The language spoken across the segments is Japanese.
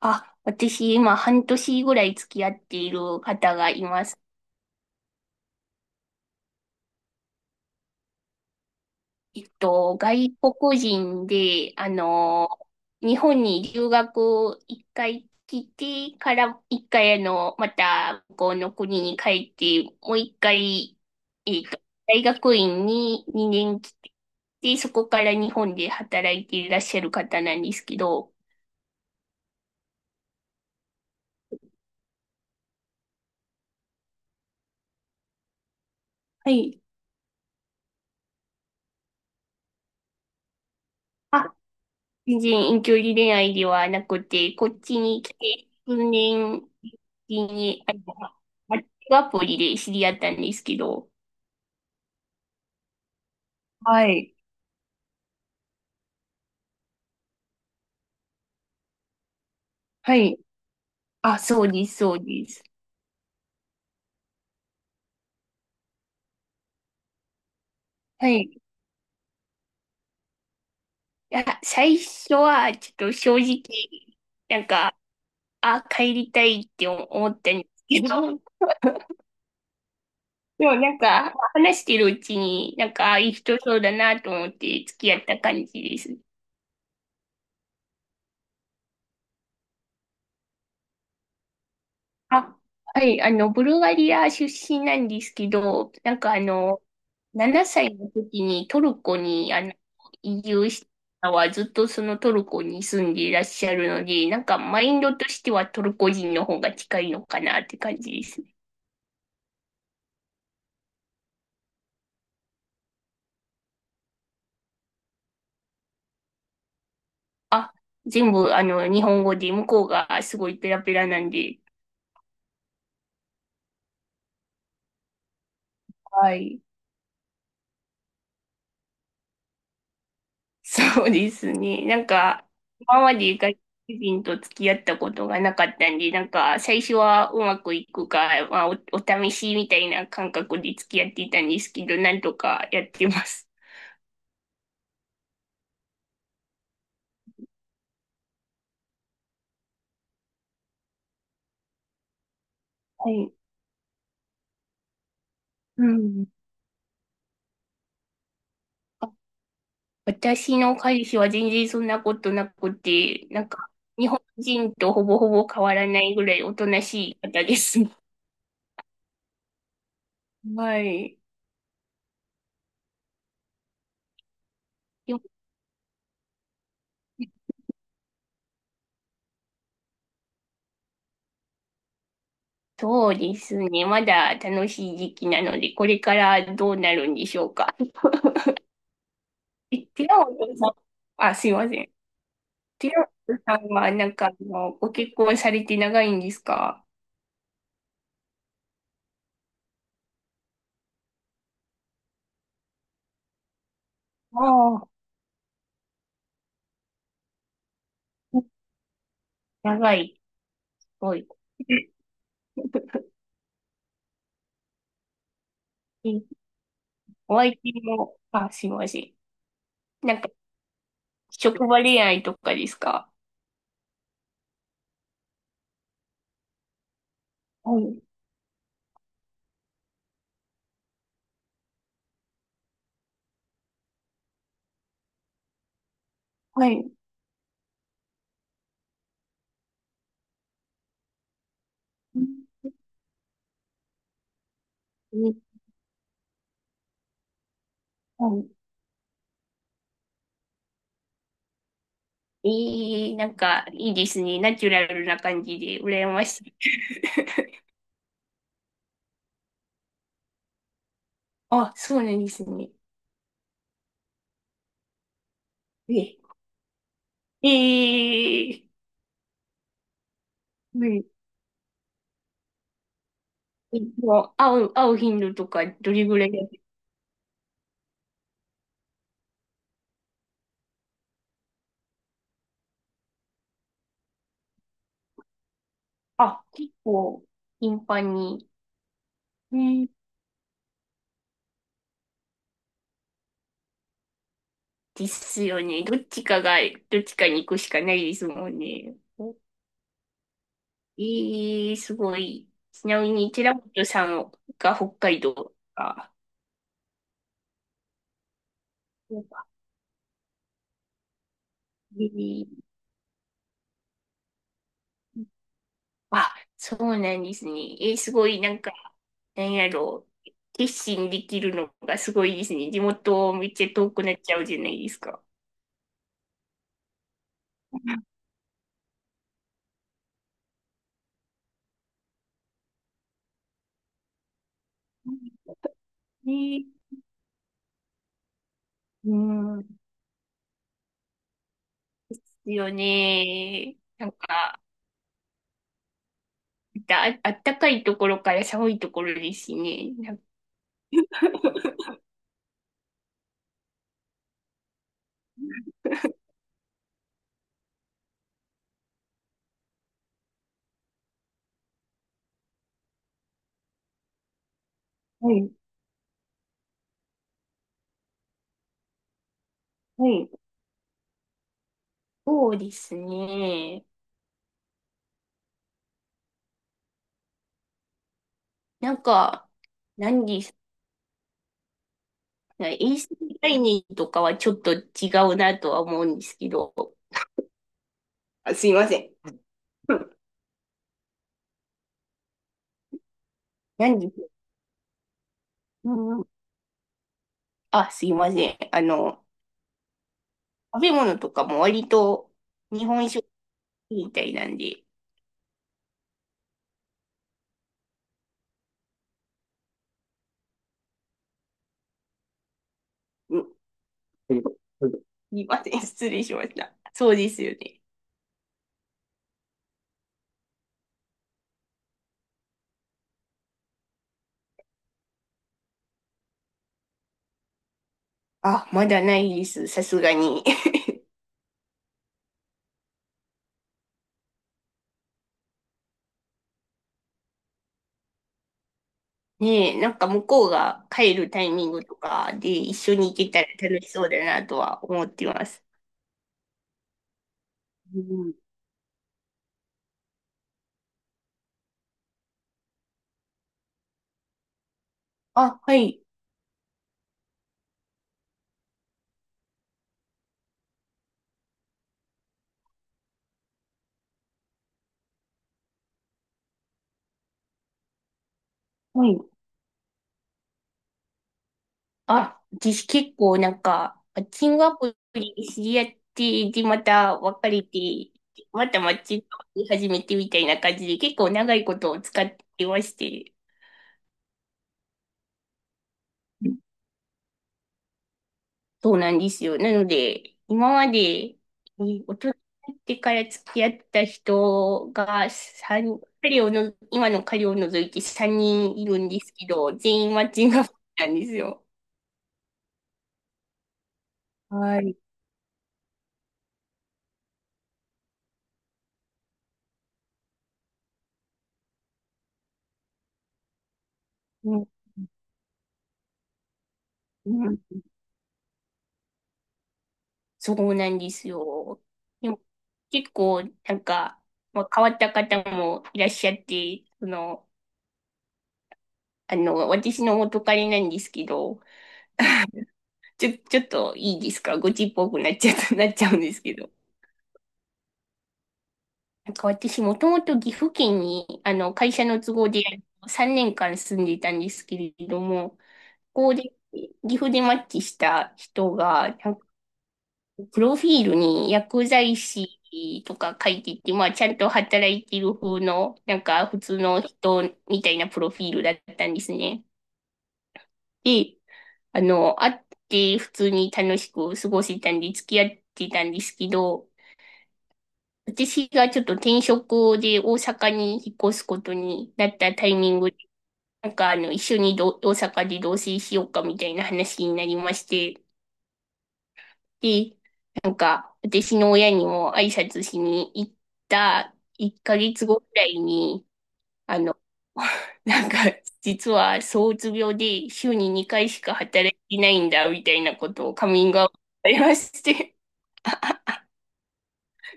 私、今、半年ぐらい付き合っている方がいます。外国人で、日本に留学一回来てから、一回、また、向こうの国に帰って、もう一回、えっと、大学院に2年来て、で、そこから日本で働いていらっしゃる方なんですけど。はい。あ、全然遠距離恋愛ではなくて、こっちに来て数年前に、マッチングアプリで知り合ったんですけど。はい。はい。あ、そうです、そうです。はい。いや、最初はちょっと正直、なんか、あ、帰りたいって思ったんですけど、でも話してるうちに、あいい人そうだなと思って付き合った感じですね。あ、はい、ブルガリア出身なんですけど、7歳の時にトルコに移住したのはずっとそのトルコに住んでいらっしゃるので、なんかマインドとしてはトルコ人の方が近いのかなって感じですね。あ、全部日本語で向こうがすごいペラペラなんで。はい。そうですね。今まで外国人と付き合ったことがなかったんで、なんか、最初はうまくいくか、まあ、お試しみたいな感覚で付き合っていたんですけど、なんとかやってます。はい。うん。あ、私の彼氏は全然そんなことなくて、なんか、日本人とほぼほぼ変わらないぐらいおとなしい方です。はい。でもそうですね。まだ楽しい時期なので、これからどうなるんでしょうか。え、ティラノさん、あ、すいません。ティラノさんは、なんか、ご結婚されて長いんですか？ああ、長い。すごい。え、お相手も、あ、すいません。なんか、職場恋愛とかですか？はい、はい。うん。はい。えー、なんか、いいですね。ナチュラルな感じで、羨ましい。あ、そうなんですね。え、えー、はい。もう、会う頻度とか、どれぐらいだっけ？あ、結構、頻繁に。うん。ですよね。どっちかに行くしかないですもんね。お、えー、すごい。ちなみに、寺本さんが北海道か。そうか。えー、あ、そうなんですね。えー、すごい、なんか、なんやろう。決心できるのがすごいですね。地元めっちゃ遠くなっちゃうじゃないですか。ね、うん。ですよね。なんか、あったかいところから寒いところですしね。なんか。 はい、はい。そうですね。なんか、何ですかね。衛生概念とかはちょっと違うなとは思うんですけど。あ、すいません。うん。何ですか？うん。あ、すいません。食べ物とかも割と日本食みたいなんで。うん。うん。すいません。失礼しました。そうですよね。あ、まだないです。さすがに。ねえ、なんか向こうが帰るタイミングとかで一緒に行けたら楽しそうだなとは思ってます。うん、あ、はい、はい。あ、私結構なんか、マッチングアプリで知り合って、で、また別れて、またマッチングアプリ始めてみたいな感じで結構長いことを使ってまして。そうなんですよ。なので、今まで、えー大人になってから付き合った人が三彼をの、今の彼を除いて3人いるんですけど、全員マッチングアプリなんですよ。はい。うん、うん。そうなんですよ。でも結構、なんか、まあ、変わった方もいらっしゃって、その、私の元彼なんですけど、ちょっといいですか？ごちっぽくなっちゃった、なっちゃうんですけど。なんか私もともと岐阜県に会社の都合で3年間住んでいたんですけれども、ここで岐阜でマッチした人が、なんかプロフィールに薬剤師とか書いてて、まあちゃんと働いてる風の、なんか普通の人みたいなプロフィールだったんですね。で、会って普通に楽しく過ごせたんで付き合ってたんですけど、私がちょっと転職で大阪に引っ越すことになったタイミングで、一緒に大阪で同棲しようかみたいな話になりまして、で、なんか私の親にも挨拶しに行った1ヶ月後くらいに、あの、なんか実は躁うつ病で週に2回しか働いてないんだみたいなことをカミングアウトされまして、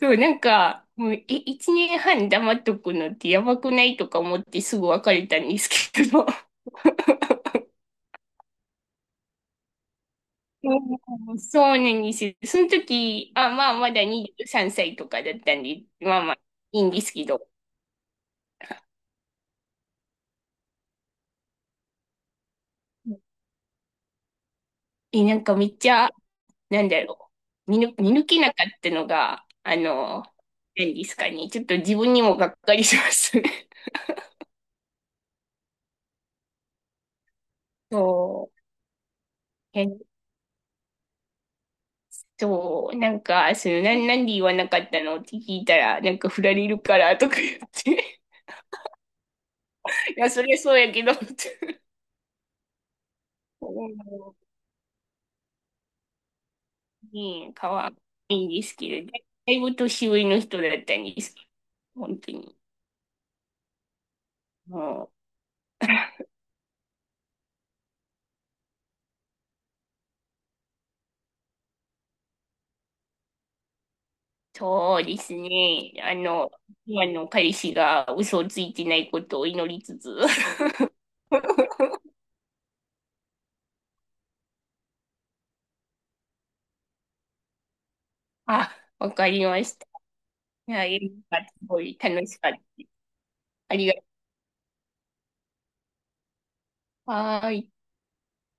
そう、なんか、もう、え、1年半黙っとくのってやばくない？とか思ってすぐ別れたんですけど。うん。そうなんですよ。その時、あ、まあ、まだ23歳とかだったんで、まあまあ、いいんですけど。え、なんかめっちゃ、なんだろう。見抜けなかったのが、何ですかね。ちょっと自分にもがっかりしますね。そう。そう、なんか、その、なんで言わなかったのって聞いたら、なんか振られるからとか言って、いや、それそうやけど、って。うん。ねえ、かわいいんですけど、だいぶ年上の人だったんですけど、本当に。もう、そうですね。今の彼氏が嘘をついてないことを祈りつつ。あ、わかりました。いや、よかった。すごい楽しかった。ありがとう。はーい。